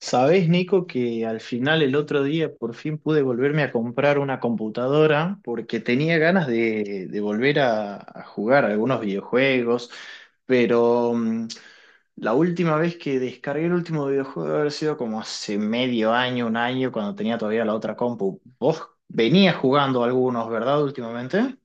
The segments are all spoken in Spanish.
Sabés, Nico, que al final el otro día por fin pude volverme a comprar una computadora porque tenía ganas de volver a jugar algunos videojuegos, pero la última vez que descargué el último videojuego debe haber sido como hace medio año, un año, cuando tenía todavía la otra compu. Vos venías jugando algunos, ¿verdad? Últimamente.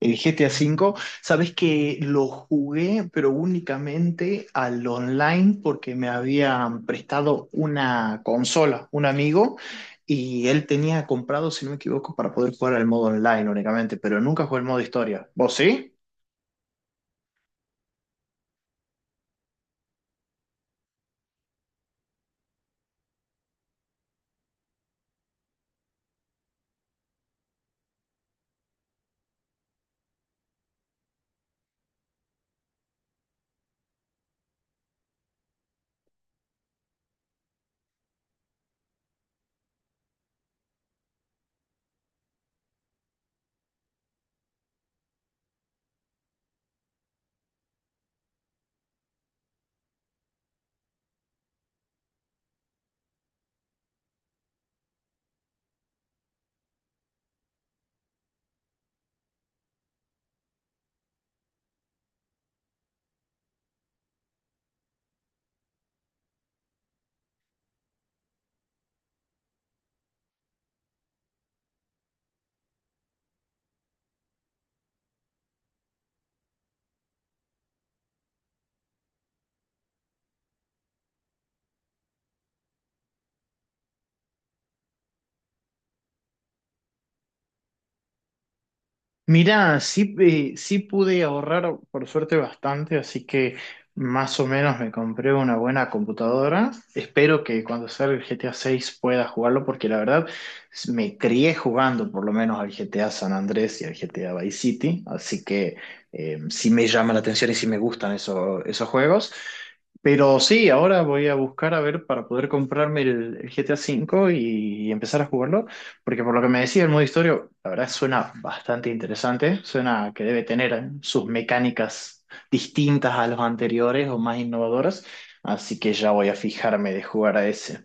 El GTA V, sabes que lo jugué, pero únicamente al online porque me habían prestado una consola, un amigo, y él tenía comprado, si no me equivoco, para poder jugar al modo online únicamente, pero nunca jugué el modo historia. ¿Vos sí? Mirá, sí, sí pude ahorrar por suerte bastante, así que más o menos me compré una buena computadora. Espero que cuando salga el GTA 6 pueda jugarlo, porque la verdad me crié jugando por lo menos al GTA San Andrés y al GTA Vice City, así que sí me llama la atención y sí me gustan esos juegos. Pero sí, ahora voy a buscar a ver para poder comprarme el GTA 5 y empezar a jugarlo. Porque por lo que me decía el modo historia, la verdad suena bastante interesante, suena que debe tener sus mecánicas distintas a los anteriores o más innovadoras, así que ya voy a fijarme de jugar a ese.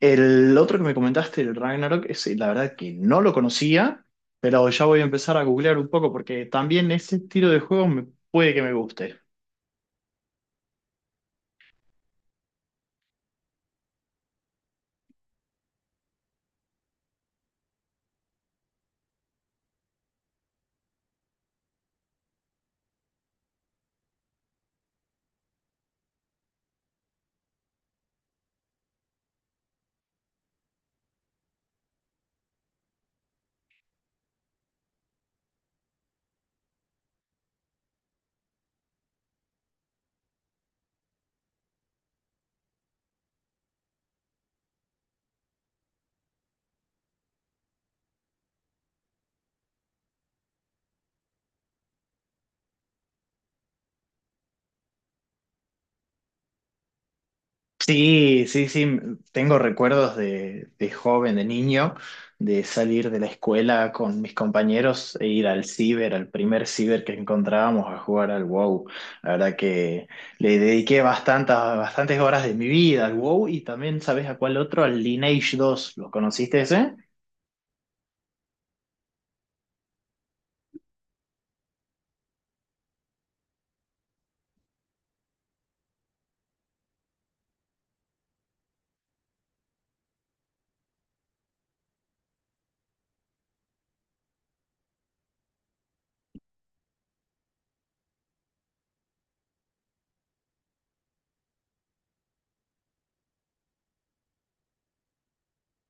El otro que me comentaste, el Ragnarok, ese, la verdad que no lo conocía, pero ya voy a empezar a googlear un poco porque también ese estilo de juego puede que me guste. Sí, sí, sí, tengo recuerdos de joven, de niño, de salir de la escuela con mis compañeros e ir al ciber, al primer ciber que encontrábamos a jugar al WoW. La verdad que le dediqué bastantes horas de mi vida al WoW y también, ¿sabes a cuál otro? Al Lineage dos. ¿Lo conociste ese?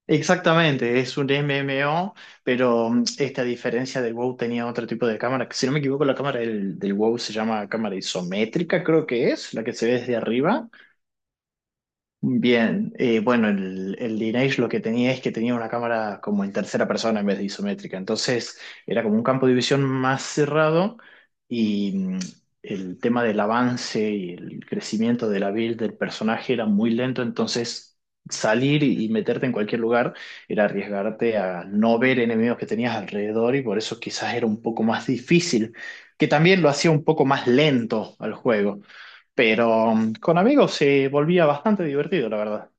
Exactamente, es un MMO, pero esta diferencia del WoW tenía otro tipo de cámara, que si no me equivoco la cámara del WoW se llama cámara isométrica, creo que es, la que se ve desde arriba. Bien, bueno, el Lineage lo que tenía es que tenía una cámara como en tercera persona en vez de isométrica, entonces era como un campo de visión más cerrado y el tema del avance y el crecimiento de la build del personaje era muy lento, entonces salir y meterte en cualquier lugar era arriesgarte a no ver enemigos que tenías alrededor y por eso quizás era un poco más difícil, que también lo hacía un poco más lento al juego. Pero con amigos se volvía bastante divertido, la verdad.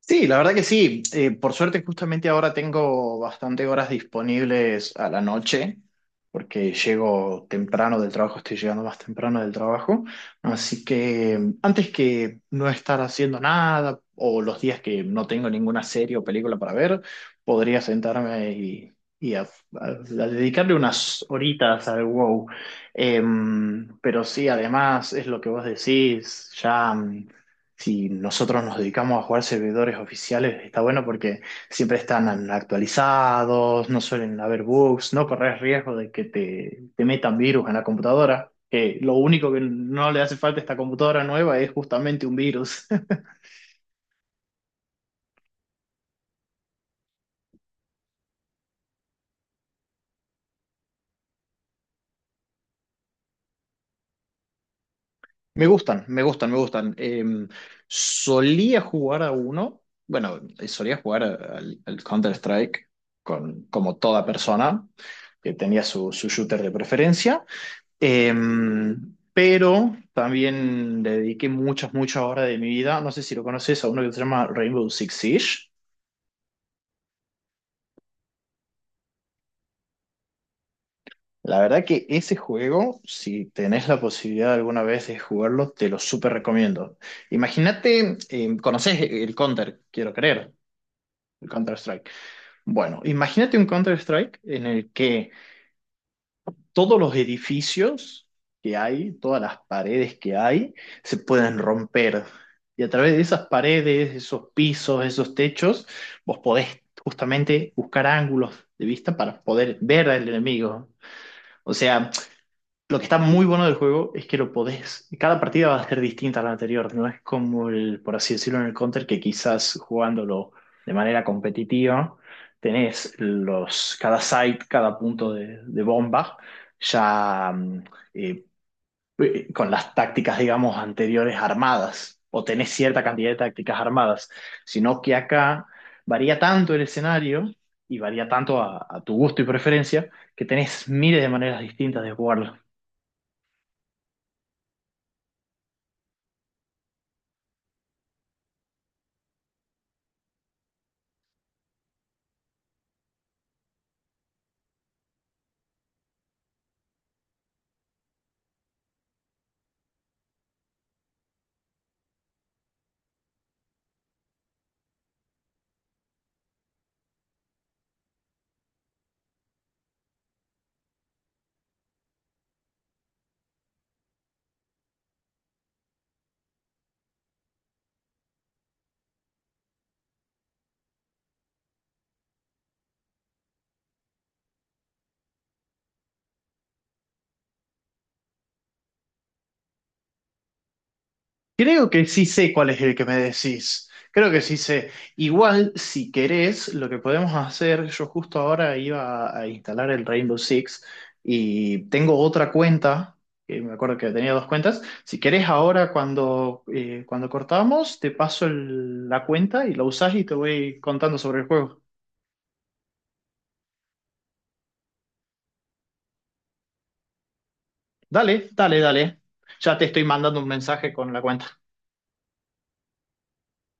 Sí, la verdad que sí. Por suerte, justamente ahora tengo bastante horas disponibles a la noche, porque llego temprano del trabajo, estoy llegando más temprano del trabajo. Así que antes que no estar haciendo nada o los días que no tengo ninguna serie o película para ver, podría sentarme y a, a- a dedicarle unas horitas al WoW. Pero sí, además es lo que vos decís, ya. Si nosotros nos dedicamos a jugar servidores oficiales, está bueno porque siempre están actualizados, no suelen haber bugs, no corres riesgo de que te metan virus en la computadora, que lo único que no le hace falta a esta computadora nueva es justamente un virus. Me gustan, me gustan, me gustan. Solía jugar a uno, bueno, solía jugar al Counter-Strike con, como toda persona que tenía su shooter de preferencia. Eh, pero también le dediqué muchas horas de mi vida. No sé si lo conoces a uno que se llama Rainbow Six Siege. La verdad que ese juego, si tenés la posibilidad alguna vez de jugarlo, te lo súper recomiendo. Imagínate, conoces el Counter, quiero creer, el Counter-Strike. Bueno, imagínate un Counter-Strike en el que todos los edificios que hay, todas las paredes que hay, se pueden romper. Y a través de esas paredes, esos pisos, esos techos, vos podés justamente buscar ángulos de vista para poder ver al enemigo. O sea, lo que está muy bueno del juego es que lo podés. Cada partida va a ser distinta a la anterior. No es como el, por así decirlo, en el Counter, que quizás jugándolo de manera competitiva, tenés los, cada site, cada punto de bomba, ya eh, con las tácticas, digamos, anteriores armadas. O tenés cierta cantidad de tácticas armadas. Sino que acá varía tanto el escenario y varía tanto a tu gusto y preferencia que tenés miles de maneras distintas de jugarlo. Creo que sí sé cuál es el que me decís. Creo que sí sé. Igual, si querés, lo que podemos hacer, yo justo ahora iba a instalar el Rainbow Six y tengo otra cuenta, que me acuerdo que tenía dos cuentas. Si querés, ahora cuando, cuando cortamos, te paso la cuenta y la usás y te voy contando sobre el juego. Dale, dale, dale. Ya te estoy mandando un mensaje con la cuenta.